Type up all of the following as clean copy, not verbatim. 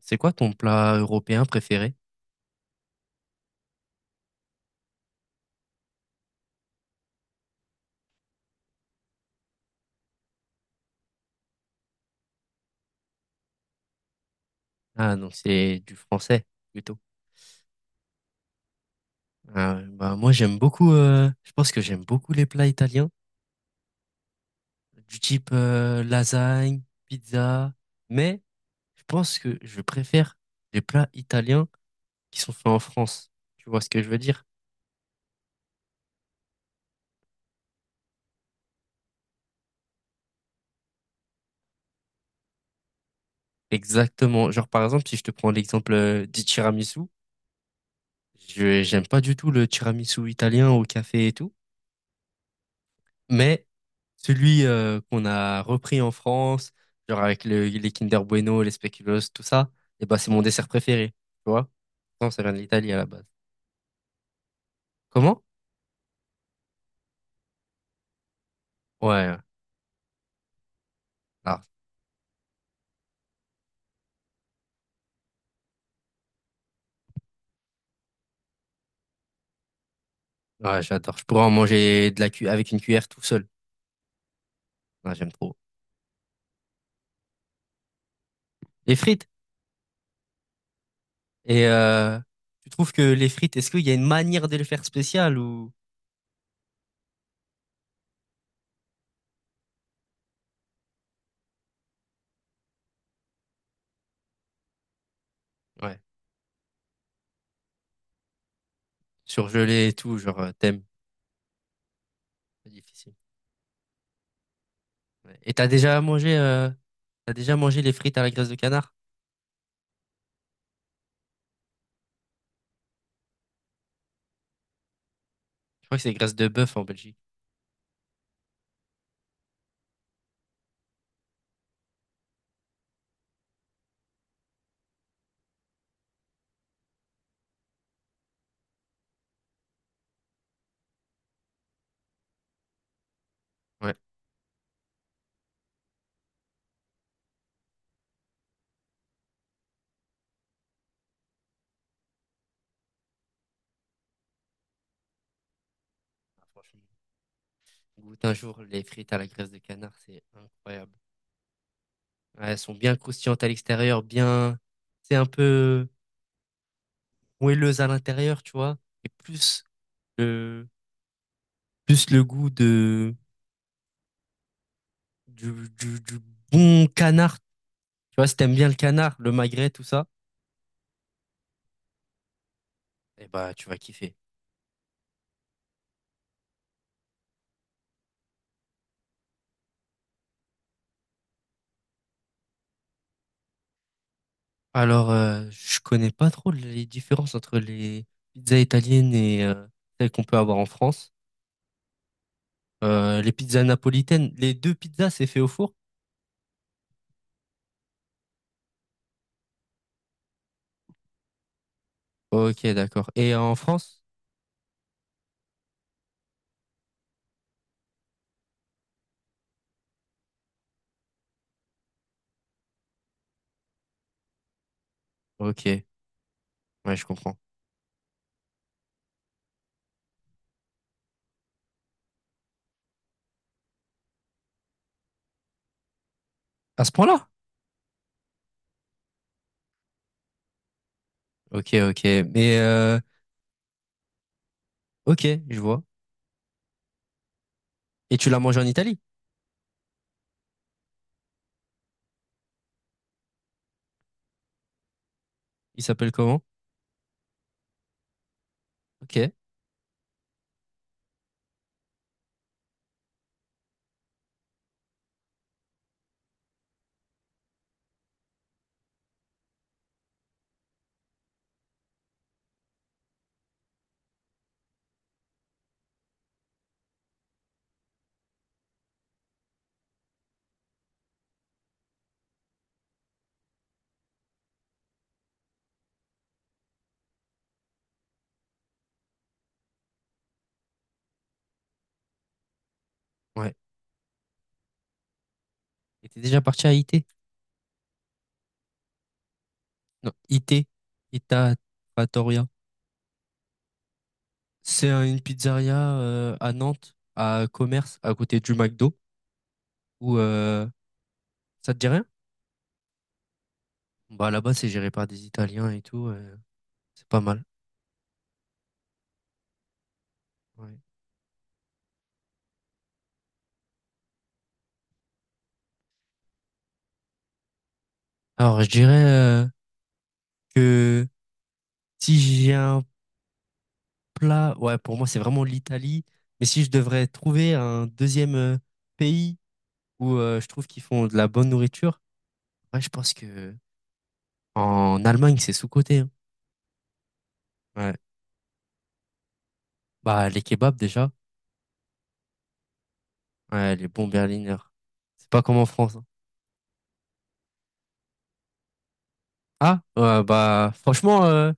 C'est quoi ton plat européen préféré? Ah, donc c'est du français plutôt. Ah, bah, moi j'aime beaucoup, je pense que j'aime beaucoup les plats italiens, du type lasagne, pizza, mais je pense que je préfère les plats italiens qui sont faits en France. Tu vois ce que je veux dire? Exactement. Genre par exemple, si je te prends l'exemple du tiramisu, je j'aime pas du tout le tiramisu italien au café et tout. Mais celui qu'on a repris en France, genre avec les Kinder Bueno, les spéculoos, tout ça, et ben c'est mon dessert préféré, tu vois? Non, ça vient de l'Italie à la base. Comment? Ouais, ouais. Ah, ouais, j'adore. Je pourrais en manger de la cu avec une cuillère tout seul. Ah, j'aime trop. Les frites. Et tu trouves que les frites, est-ce qu'il y a une manière de les faire spéciales ou ouais, surgelées et tout, genre c'est difficile. Ouais. Et t'as déjà mangé les frites à la graisse de canard? Je crois que c'est graisse de bœuf en Belgique. Ouais. Ah, franchement, goûte un jour les frites à la graisse de canard, c'est incroyable. Ouais, elles sont bien croustillantes à l'extérieur, bien, c'est un peu moelleuse à l'intérieur, tu vois. Et le, plus le goût du, du bon canard. Tu vois, si t'aimes bien le canard, le magret, tout ça, eh bah, tu vas kiffer. Alors, je connais pas trop les différences entre les pizzas italiennes et celles qu'on peut avoir en France. Les pizzas napolitaines, les deux pizzas, c'est fait au four. Ok, d'accord. Et en France? Ok, ouais, je comprends. À ce point-là? Ok, ok. Mais ok, je vois. Et tu l'as mangé en Italie? Il s'appelle comment? Ok, ouais. Et t'es déjà parti à IT? Non, IT, Ita Trattoria. C'est une pizzeria à Nantes, à Commerce, à côté du McDo. Où ça te dit rien? Bah là-bas, c'est géré par des Italiens et tout. C'est pas mal. Ouais. Alors, je dirais que si j'ai un plat, ouais, pour moi, c'est vraiment l'Italie. Mais si je devrais trouver un deuxième pays où je trouve qu'ils font de la bonne nourriture, ouais, je pense que en Allemagne, c'est sous-coté, hein. Ouais. Bah, les kebabs déjà, ouais, les bons Berliner. C'est pas comme en France, hein. Ah, ouais, bah, franchement,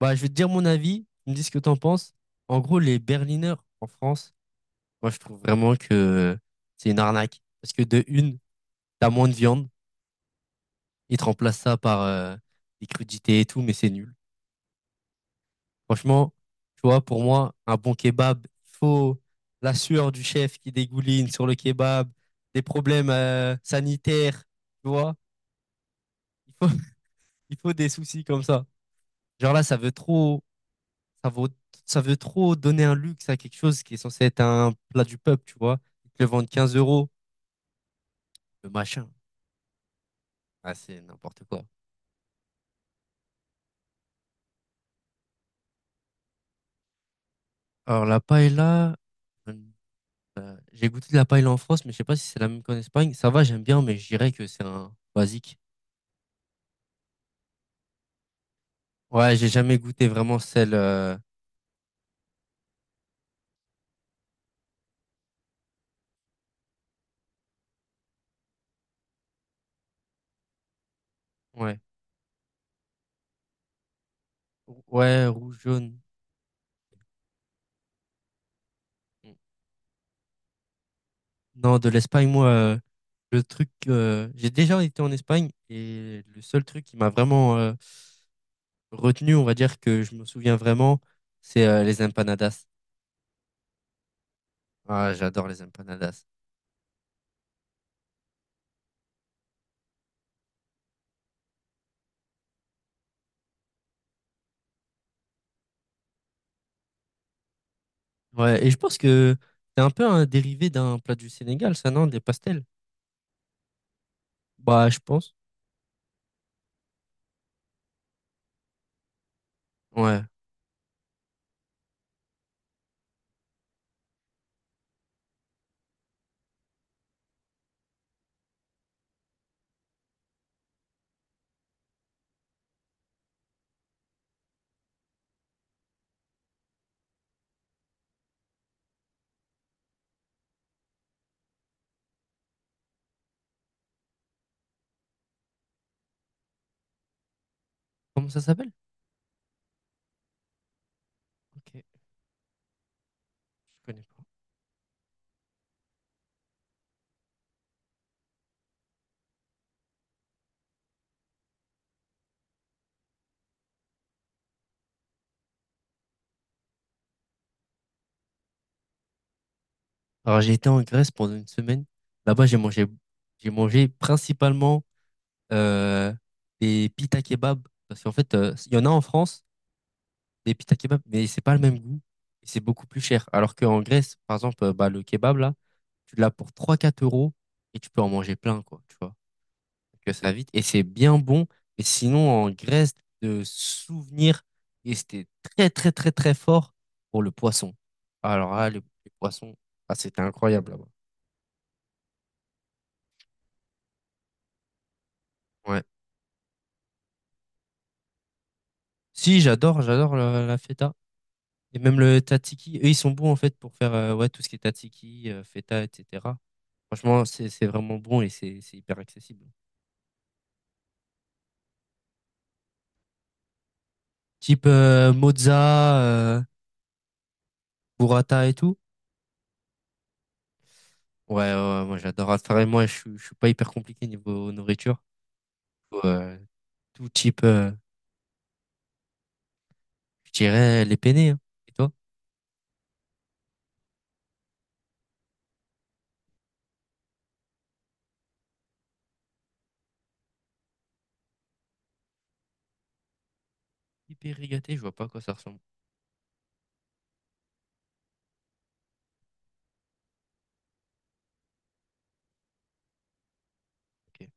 bah, je vais te dire mon avis. Tu me dis ce que t'en penses. En gros, les Berliners en France, moi, je trouve vraiment que c'est une arnaque. Parce que de une, t'as moins de viande. Ils te remplacent ça par des crudités et tout, mais c'est nul. Franchement, tu vois, pour moi, un bon kebab, il faut la sueur du chef qui dégouline sur le kebab, des problèmes sanitaires, tu vois. Il faut, il faut des soucis comme ça. Genre là, ça veut trop, ça vaut, ça veut trop donner un luxe à quelque chose qui est censé être un plat du peuple, tu vois. Ils te le vendent 15 euros, le machin. Ah, c'est n'importe quoi. Alors la paella, hum, j'ai goûté de la paella en France, mais je sais pas si c'est la même qu'en Espagne. Ça va, j'aime bien, mais je dirais que c'est un basique. Ouais, j'ai jamais goûté vraiment celle. Ouais. Ouais, rouge, jaune. Non, de l'Espagne, moi, le truc. J'ai déjà été en Espagne et le seul truc qui m'a vraiment retenu, on va dire que je me souviens vraiment, c'est les empanadas. Ah, j'adore les empanadas. Ouais, et je pense que c'est un peu un dérivé d'un plat du Sénégal, ça, non? Des pastels? Bah, je pense. Ouais. Comment ça s'appelle? Ok, je connais pas. Alors, j'ai été en Grèce pendant une semaine. Là-bas, j'ai mangé principalement euh, des pita kebab. Parce qu'en fait, il y en a en France, des pita kebab, mais c'est pas le même goût et c'est beaucoup plus cher. Alors qu'en Grèce, par exemple, bah, le kebab, là, tu l'as pour trois quatre euros et tu peux en manger plein, quoi, tu vois. Que ça va vite et c'est bien bon. Et sinon, en Grèce, de souvenirs et c'était très, très, très, très fort pour le poisson. Alors là, les poissons, ah, c'était incroyable là-bas. Ouais. Si, j'adore, j'adore la feta. Et même le tataki, eux, ils sont bons en fait pour faire ouais, tout ce qui est tataki, feta, etc. Franchement, c'est vraiment bon et c'est hyper accessible. Type mozza, euh, burrata et tout. Ouais, ouais, ouais, moi j'adore. Enfin, et moi, je suis pas hyper compliqué niveau nourriture. Euh, Tout type, je dirais les penne, hein. Et toi? Hyper rigaté, je vois pas à quoi ça ressemble. Ok.